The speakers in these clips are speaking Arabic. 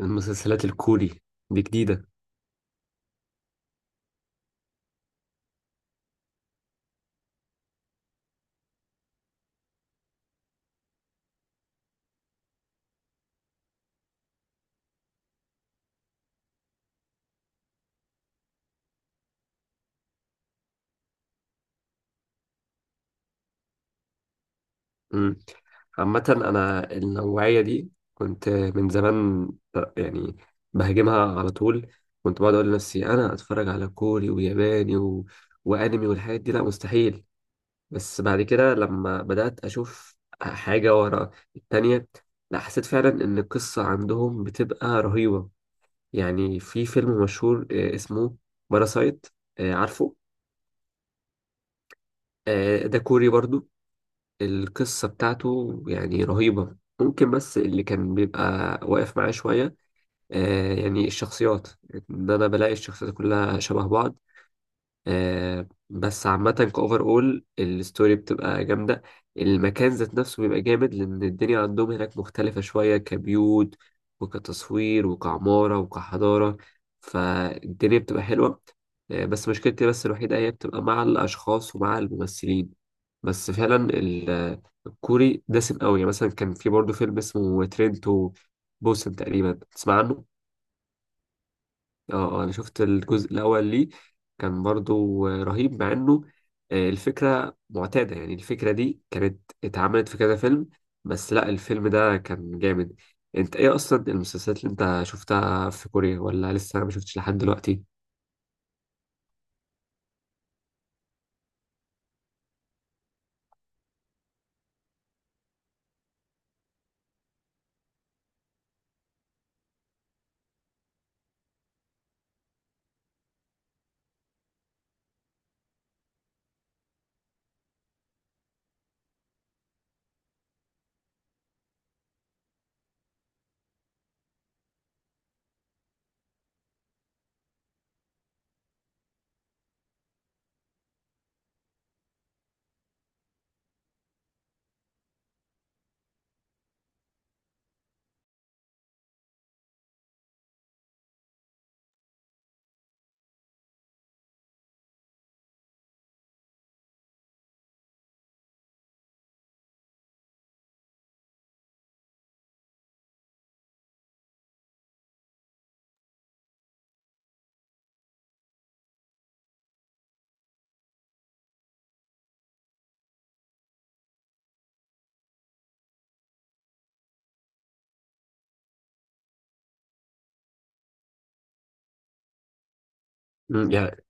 المسلسلات الكوري دي جديدة. مم. عامة أنا النوعية دي كنت من زمان يعني بهاجمها على طول. كنت بقعد أقول لنفسي أنا أتفرج على كوري وياباني وأنمي والحاجات دي؟ لا مستحيل. بس بعد كده لما بدأت أشوف حاجة ورا التانية، لا حسيت فعلا إن القصة عندهم بتبقى رهيبة. يعني في فيلم مشهور اسمه باراسايت، عارفه؟ آه، ده كوري برضو. القصة بتاعته يعني رهيبة، ممكن بس اللي كان بيبقى واقف معاه شوية آه يعني الشخصيات، إن أنا بلاقي الشخصيات كلها شبه بعض. آه بس عامة كأوفر أول الستوري بتبقى جامدة. المكان ذات نفسه بيبقى جامد، لأن الدنيا عندهم هناك مختلفة شوية كبيوت وكتصوير وكعمارة وكحضارة. فالدنيا بتبقى حلوة. آه بس مشكلتي بس الوحيدة هي بتبقى مع الأشخاص ومع الممثلين. بس فعلا الكوري دسم قوي. يعني مثلا كان في برضه فيلم اسمه ترينتو بوسن، تقريبا تسمع عنه؟ اه، انا شفت الجزء الاول ليه. كان برضو رهيب، مع انه الفكره معتاده. يعني الفكره دي كانت اتعملت في كذا فيلم، بس لا الفيلم ده كان جامد. انت ايه اصلا المسلسلات اللي انت شفتها في كوريا، ولا لسه ما شفتش لحد دلوقتي؟ يعني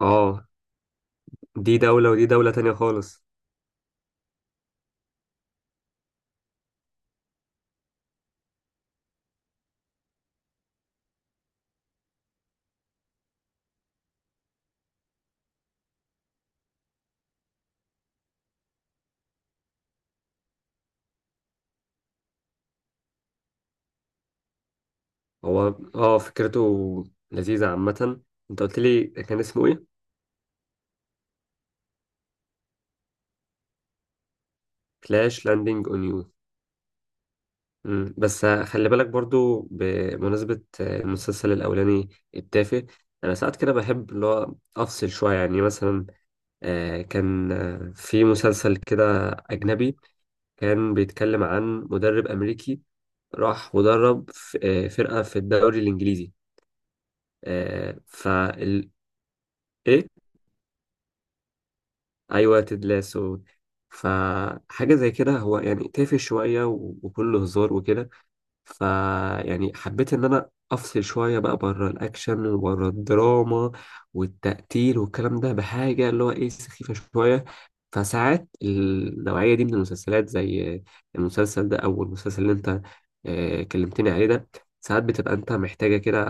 اه، دي دولة ودي دولة تانية خالص. هو اه فكرته لذيذة عامة. انت قلت لي كان اسمه ايه؟ كلاش لاندنج اون يو. بس خلي بالك برضو بمناسبة المسلسل الأولاني التافه، أنا ساعات كده بحب اللي هو أفصل شوية. يعني مثلا كان في مسلسل كده أجنبي، كان بيتكلم عن مدرب أمريكي راح ودرب فرقة في الدوري الإنجليزي. فال إيه؟ أيوة، تيد لاسو. فحاجة زي كده، هو يعني تافه شوية وكله هزار وكده. ف يعني حبيت ان انا افصل شويه بقى بره الاكشن وبره الدراما والتقتيل والكلام ده بحاجه اللي هو ايه، سخيفه شويه. فساعات النوعيه دي من المسلسلات زي المسلسل ده او المسلسل اللي انت كلمتني عليه ده، ساعات بتبقى انت محتاجه كده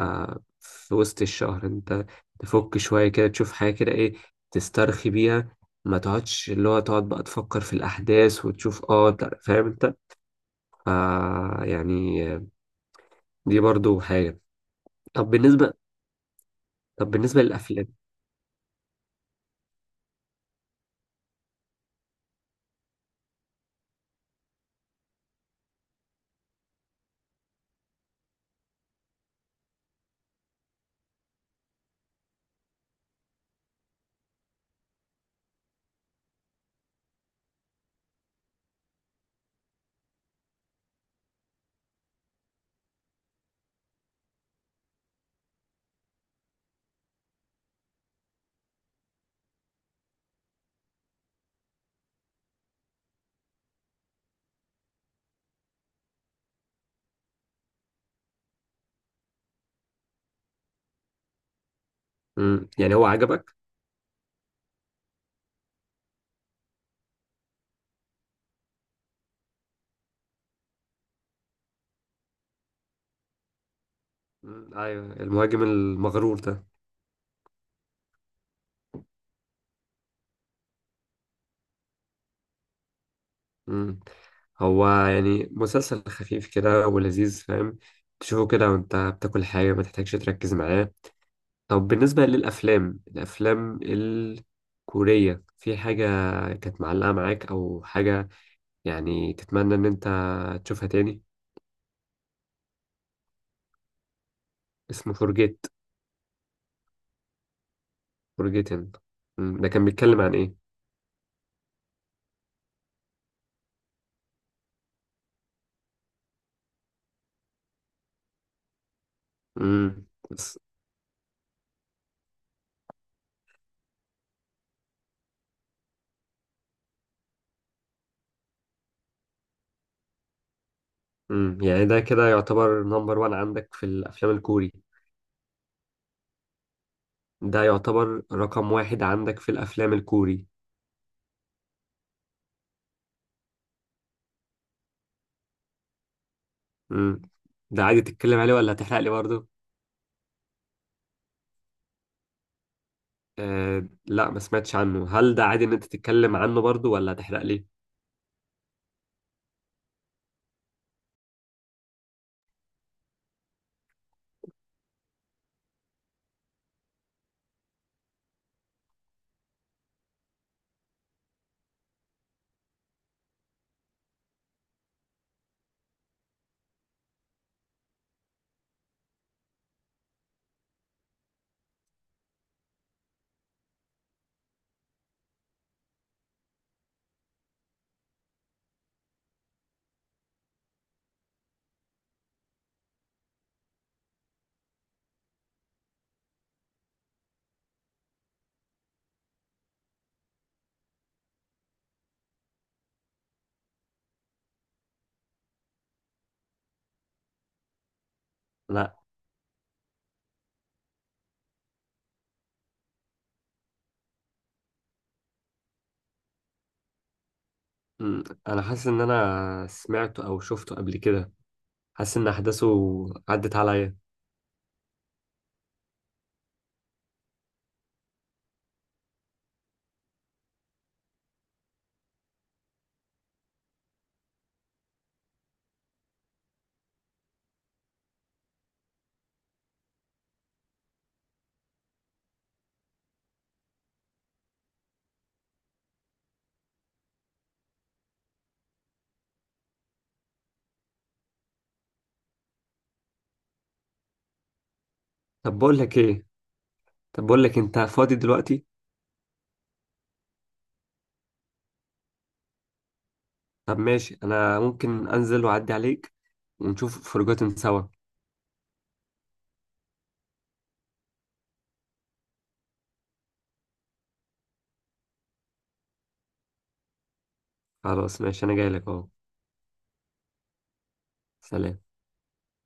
في وسط الشهر. انت تفك شويه كده، تشوف حاجه كده ايه، تسترخي بيها. ما تقعدش اللي هو تقعد بقى تفكر في الاحداث وتشوف، اه لا، فاهم انت. آه يعني دي برضو حاجة. طب بالنسبة، طب بالنسبة للأفلام. يعني هو عجبك؟ أيوة، المهاجم المغرور ده. مم. هو يعني مسلسل خفيف كده ولذيذ، فاهم؟ تشوفه كده وانت بتاكل حاجة، ما تحتاجش تركز معاه. طب بالنسبة للأفلام، الأفلام الكورية، في حاجة كانت معلقة معاك أو حاجة، يعني تتمنى إن أنت تشوفها تاني؟ اسمه فورجيت؟ فورجيتن، ده كان بيتكلم عن إيه؟ مم. يعني ده كده يعتبر نمبر وان عندك في الافلام الكوري؟ ده يعتبر رقم واحد عندك في الافلام الكوري؟ امم، ده عادي تتكلم عليه، ولا هتحرق لي برضه؟ آه لا، ما سمعتش عنه. هل ده عادي ان انت تتكلم عنه برضه ولا هتحرق لي؟ لا. امم، انا حاسس ان انا سمعته او شفته قبل كده، حاسس ان احداثه عدت عليا. طب بقول لك ايه، طب بقول لك انت فاضي دلوقتي؟ طب ماشي، انا ممكن انزل واعدي عليك ونشوف فرجات سوا. خلاص ماشي، انا جاي لك اهو. سلام.